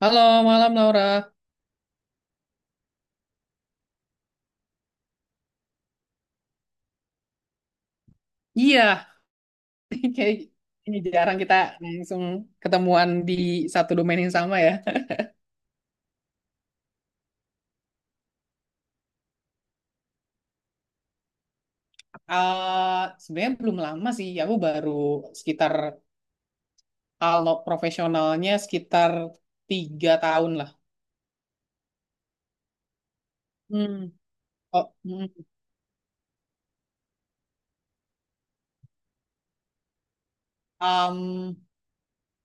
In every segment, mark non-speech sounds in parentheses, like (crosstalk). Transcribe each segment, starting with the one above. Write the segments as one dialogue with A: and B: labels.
A: Halo, malam Laura. Iya, (laughs) kayak ini jarang kita langsung ketemuan di satu domain yang sama ya. (laughs) Sebenarnya belum lama sih, aku baru sekitar kalau profesionalnya sekitar 3 tahun lah. Hmm. Oh, mm. Em,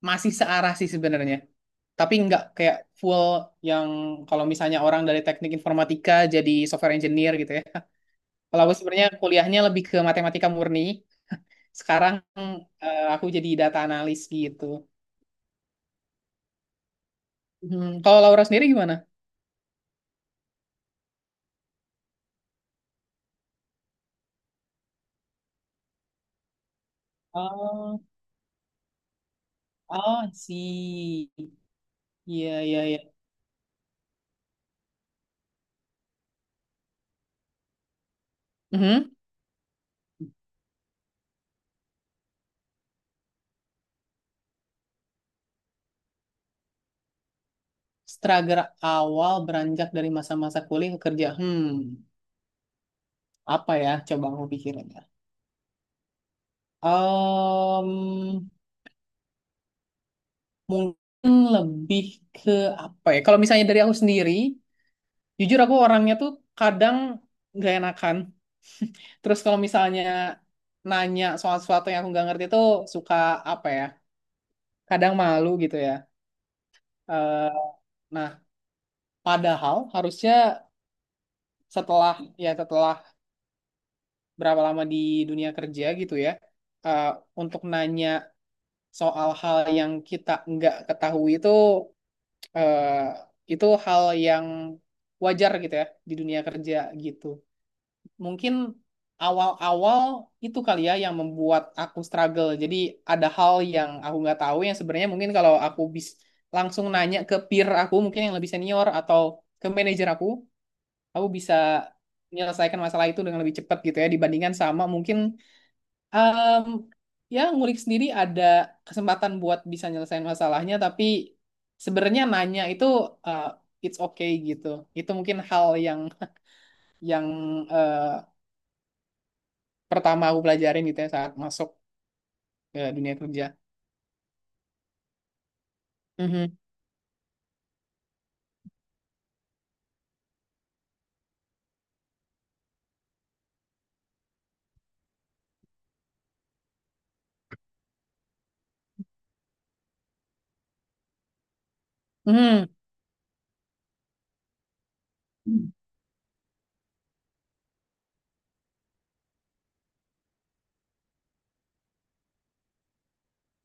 A: Masih searah sih sebenarnya, tapi nggak kayak full yang kalau misalnya orang dari teknik informatika jadi software engineer gitu ya. Kalau aku sebenarnya kuliahnya lebih ke matematika murni. Sekarang aku jadi data analis gitu. Kalau Laura sendiri gimana? Oh, oh, I see. Iya, iya, iya. Mhm. Struggle awal beranjak dari masa-masa kuliah ke kerja. Apa ya? Coba aku pikirin ya. Em, Mungkin lebih ke apa ya? Kalau misalnya dari aku sendiri, jujur aku orangnya tuh kadang nggak enakan. Terus kalau misalnya nanya soal sesuatu yang aku nggak ngerti tuh suka apa ya? Kadang malu gitu ya. Eh, nah, padahal harusnya setelah setelah berapa lama di dunia kerja gitu ya, eh, untuk nanya soal hal yang kita nggak ketahui itu eh, itu hal yang wajar gitu ya di dunia kerja gitu. Mungkin awal-awal itu kali ya yang membuat aku struggle. Jadi ada hal yang aku nggak tahu yang sebenarnya mungkin kalau aku bisa langsung nanya ke peer aku mungkin yang lebih senior atau ke manajer aku bisa menyelesaikan masalah itu dengan lebih cepat gitu ya dibandingkan sama mungkin em, ya ngulik sendiri ada kesempatan buat bisa nyelesain masalahnya, tapi sebenarnya nanya itu eh, it's okay gitu. Itu mungkin hal yang yang uh, pertama aku pelajarin gitu ya saat masuk ke dunia kerja. Mhm. Mhm.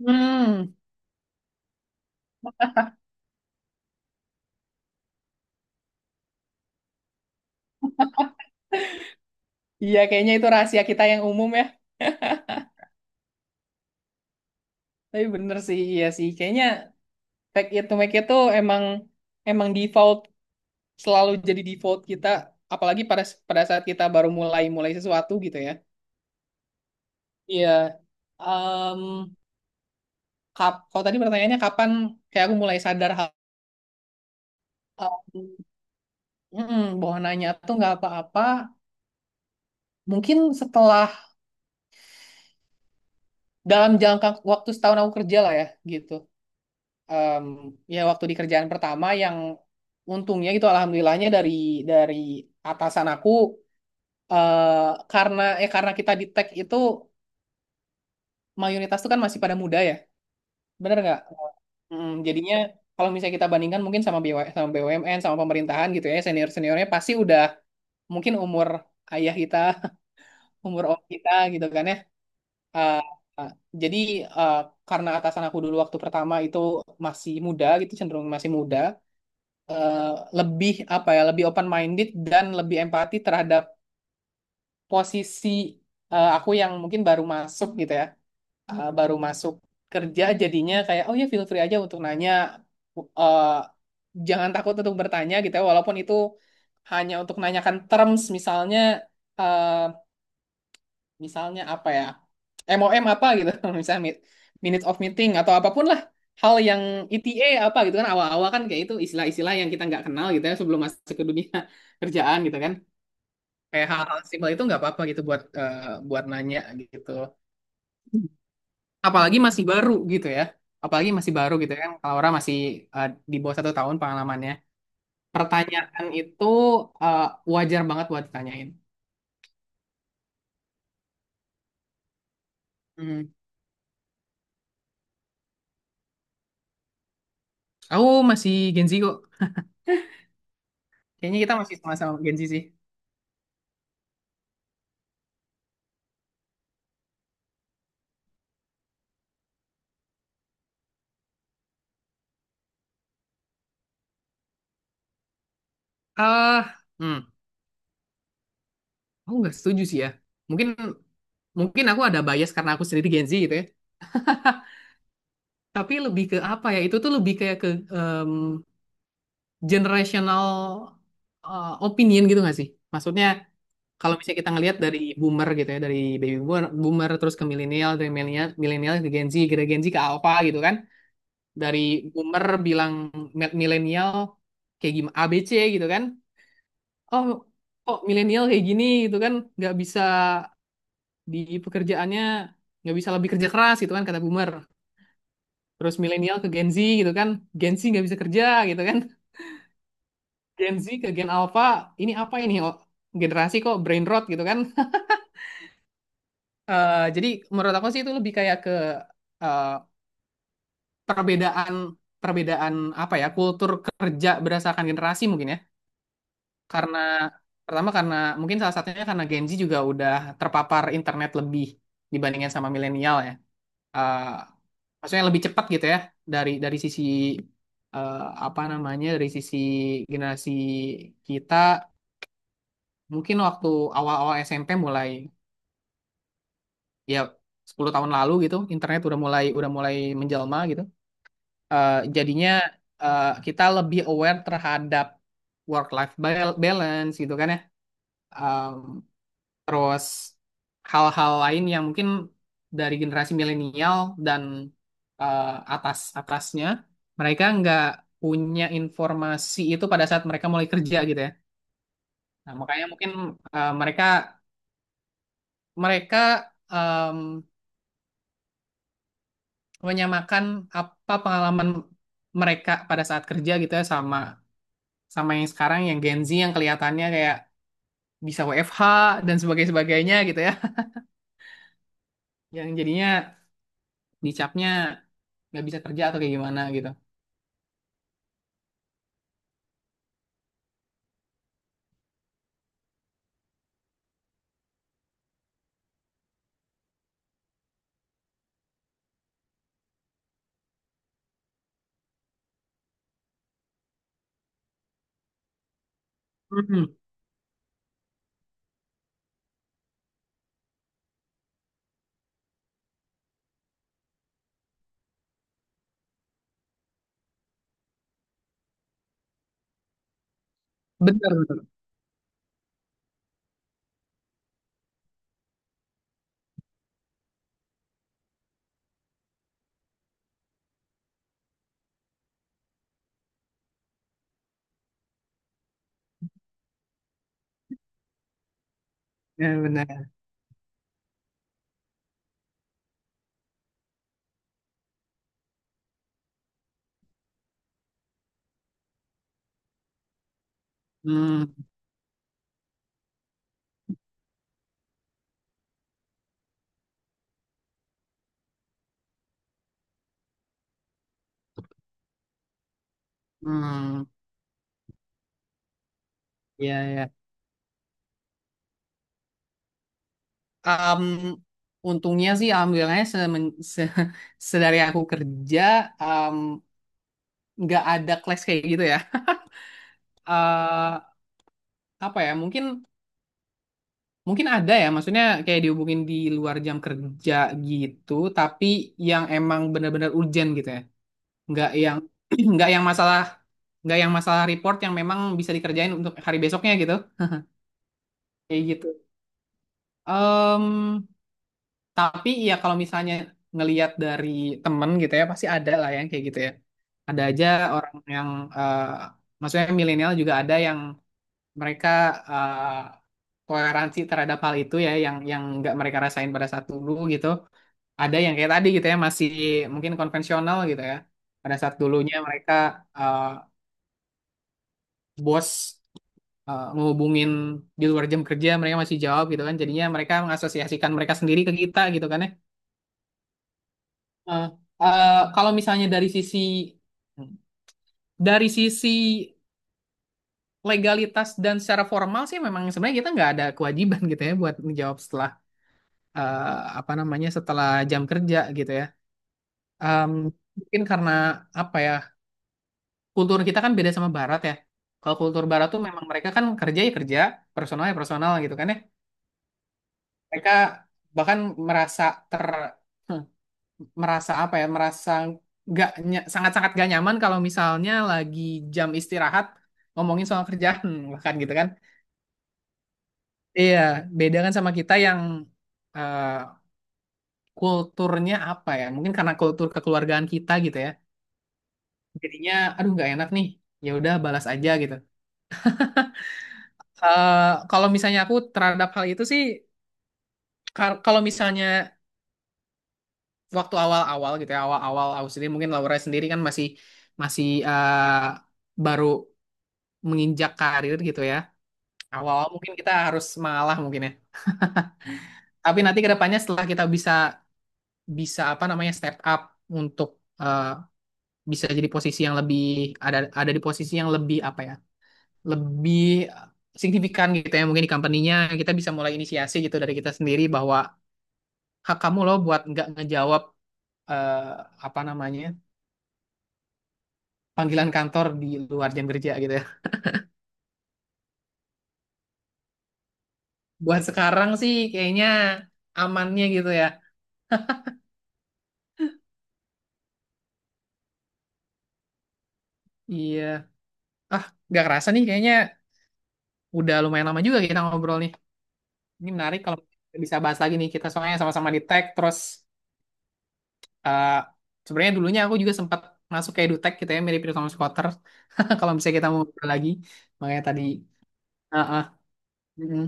A: Hmm. Iya, kayaknya itu rahasia kita yang umum ya. Tapi bener sih, iya sih. Kayaknya take it to make it tuh emang emang default, selalu jadi default kita apalagi pada pada saat kita baru mulai mulai sesuatu gitu ya. Iya. Em, kalau tadi pertanyaannya kapan kayak aku mulai sadar hal, hal. Bahwa nanya tuh nggak apa-apa. Mungkin setelah dalam jangka waktu setahun aku kerja lah ya gitu. Em, Ya waktu di kerjaan pertama yang untungnya gitu, alhamdulillahnya dari atasan aku, karena kita di tech itu mayoritas tuh kan masih pada muda ya, bener nggak? Jadinya kalau misalnya kita bandingkan mungkin sama BW, sama BUMN, sama pemerintahan gitu ya, senior seniornya pasti udah mungkin umur ayah kita, umur om kita gitu kan ya. Eh, eh, jadi eh, karena atasan aku dulu waktu pertama itu masih muda gitu, cenderung masih muda, eh, lebih apa ya, lebih open minded dan lebih empati terhadap posisi aku yang mungkin baru masuk gitu ya. Baru masuk kerja jadinya kayak oh ya feel free aja untuk nanya. Eh, Jangan takut untuk bertanya gitu ya, walaupun itu hanya untuk nanyakan terms misalnya. eh, Misalnya apa ya, MOM apa gitu (laughs) misalnya minute of meeting atau apapun lah, hal yang ETA apa gitu kan. Awal-awal kan kayak itu istilah-istilah yang kita nggak kenal gitu ya sebelum masuk ke dunia (laughs) kerjaan gitu kan, kayak hal-hal simpel itu nggak apa-apa gitu buat buat nanya gitu, apalagi masih baru gitu ya, apalagi masih baru gitu kan. Kalau orang masih di bawah 1 tahun pengalamannya, pertanyaan itu eh, wajar banget buat ditanyain. Hmm. Aku masih Gen Z kok. Kayaknya kita masih sama-sama Gen Z sih. ah hmm, aku nggak setuju sih ya. Mungkin mungkin aku ada bias karena aku sendiri Gen Z gitu ya. Tapi lebih ke apa ya? Itu tuh lebih kayak ke em, generational opinion gitu nggak sih? Maksudnya kalau misalnya kita ngelihat dari boomer gitu ya, dari baby boomer, boomer terus ke milenial, dari milenial milenial ke Gen Z, dari Gen Z ke alpha gitu kan. Dari boomer bilang milenial kayak gimana ABC gitu kan. Oh, kok milenial kayak gini gitu kan, nggak bisa di pekerjaannya, nggak bisa lebih kerja keras gitu kan kata boomer. Terus milenial ke Gen Z gitu kan, Gen Z nggak bisa kerja gitu kan. (laughs) Gen Z ke Gen Alpha ini apa ini oh, generasi kok brain rot gitu kan. Jadi menurut aku sih itu lebih kayak ke eh, perbedaan perbedaan apa ya, kultur kerja berdasarkan generasi mungkin ya. Karena pertama karena mungkin salah satunya karena Gen Z juga udah terpapar internet lebih dibandingkan sama milenial ya. eh, Maksudnya lebih cepat gitu ya dari sisi, eh, apa namanya, dari sisi generasi kita mungkin waktu awal-awal SMP mulai, ya 10 tahun lalu gitu internet udah mulai menjelma gitu. Jadinya kita lebih aware terhadap work life balance gitu kan ya. Terus hal-hal lain yang mungkin dari generasi milenial dan eh, atas atasnya mereka nggak punya informasi itu pada saat mereka mulai kerja gitu ya. Nah, makanya mungkin mereka mereka em, menyamakan apa pengalaman mereka pada saat kerja gitu ya sama sama yang sekarang, yang Gen Z yang kelihatannya kayak bisa WFH dan sebagainya sebagainya gitu ya. Yang jadinya dicapnya nggak bisa kerja atau kayak gimana gitu. Mhm. Benar, benar. Ya, benar. Hmm, hmm, ya, ya. Am, untungnya sih, alhamdulillahnya semen- se (laughs) sedari aku kerja, am, nggak ada clash kayak gitu ya. Eh apa ya? Mungkin ada ya. Maksudnya kayak dihubungin di luar jam kerja gitu, tapi yang emang benar-benar urgent gitu ya. Nggak yang, (clears throat) nggak yang masalah, nggak yang masalah report yang memang bisa dikerjain untuk hari besoknya gitu. Kayak gitu. Tapi ya kalau misalnya ngelihat dari temen gitu ya pasti ada lah yang kayak gitu ya. Ada aja orang yang eh, maksudnya milenial juga ada yang mereka eh, toleransi terhadap hal itu ya, yang nggak mereka rasain pada saat dulu gitu. Ada yang kayak tadi gitu ya, masih mungkin konvensional gitu ya. Pada saat dulunya mereka, eh, bos ngehubungin di luar jam kerja, mereka masih jawab gitu kan. Jadinya mereka mengasosiasikan mereka sendiri ke kita gitu kan ya. Eh, eh, Kalau misalnya dari sisi dari sisi legalitas dan secara formal sih, memang sebenarnya kita nggak ada kewajiban gitu ya buat menjawab setelah eh, apa namanya, setelah jam kerja gitu ya. Em, Mungkin karena apa ya, kultur kita kan beda sama Barat ya. Kalau kultur Barat tuh memang mereka kan kerja ya kerja, personal ya personal gitu kan ya. Mereka bahkan merasa ter hmm, merasa apa ya, merasa nggak ny- sangat-sangat gak nyaman kalau misalnya lagi jam istirahat ngomongin soal kerjaan (laughs) bahkan gitu kan, iya, beda kan sama kita yang eh, kulturnya apa ya, mungkin karena kultur kekeluargaan kita gitu ya, jadinya aduh nggak enak nih, ya udah balas aja gitu. Kalau misalnya aku terhadap hal itu sih, kalau misalnya waktu awal-awal gitu ya, awal-awal aku sendiri, mungkin Laura sendiri kan masih masih baru menginjak karir gitu ya, awal mungkin kita harus mengalah mungkin ya. Tapi nanti kedepannya setelah kita bisa bisa apa namanya step up untuk bisa jadi posisi yang lebih, ada di posisi yang lebih apa ya? Lebih signifikan gitu ya, mungkin di company-nya kita bisa mulai inisiasi gitu dari kita sendiri bahwa hak kamu loh buat nggak ngejawab, eh, apa namanya, panggilan kantor di luar jam kerja gitu ya. Buat sekarang sih kayaknya amannya gitu ya. Iya. Ah, nggak kerasa nih kayaknya udah lumayan lama juga kita ngobrol nih. Ini menarik kalau bisa bahas lagi nih kita, soalnya sama-sama di tech terus, eh, sebenarnya dulunya aku juga sempat masuk ke edutech gitu ya, mirip-mirip sama Squatter. (laughs) Kalau misalnya kita mau ngobrol lagi, makanya tadi. ah ah, mm-mm.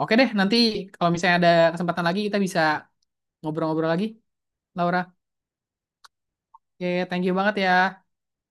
A: Oke deh, nanti kalau misalnya ada kesempatan lagi kita bisa ngobrol-ngobrol lagi, Laura. Ya, thank you banget ya.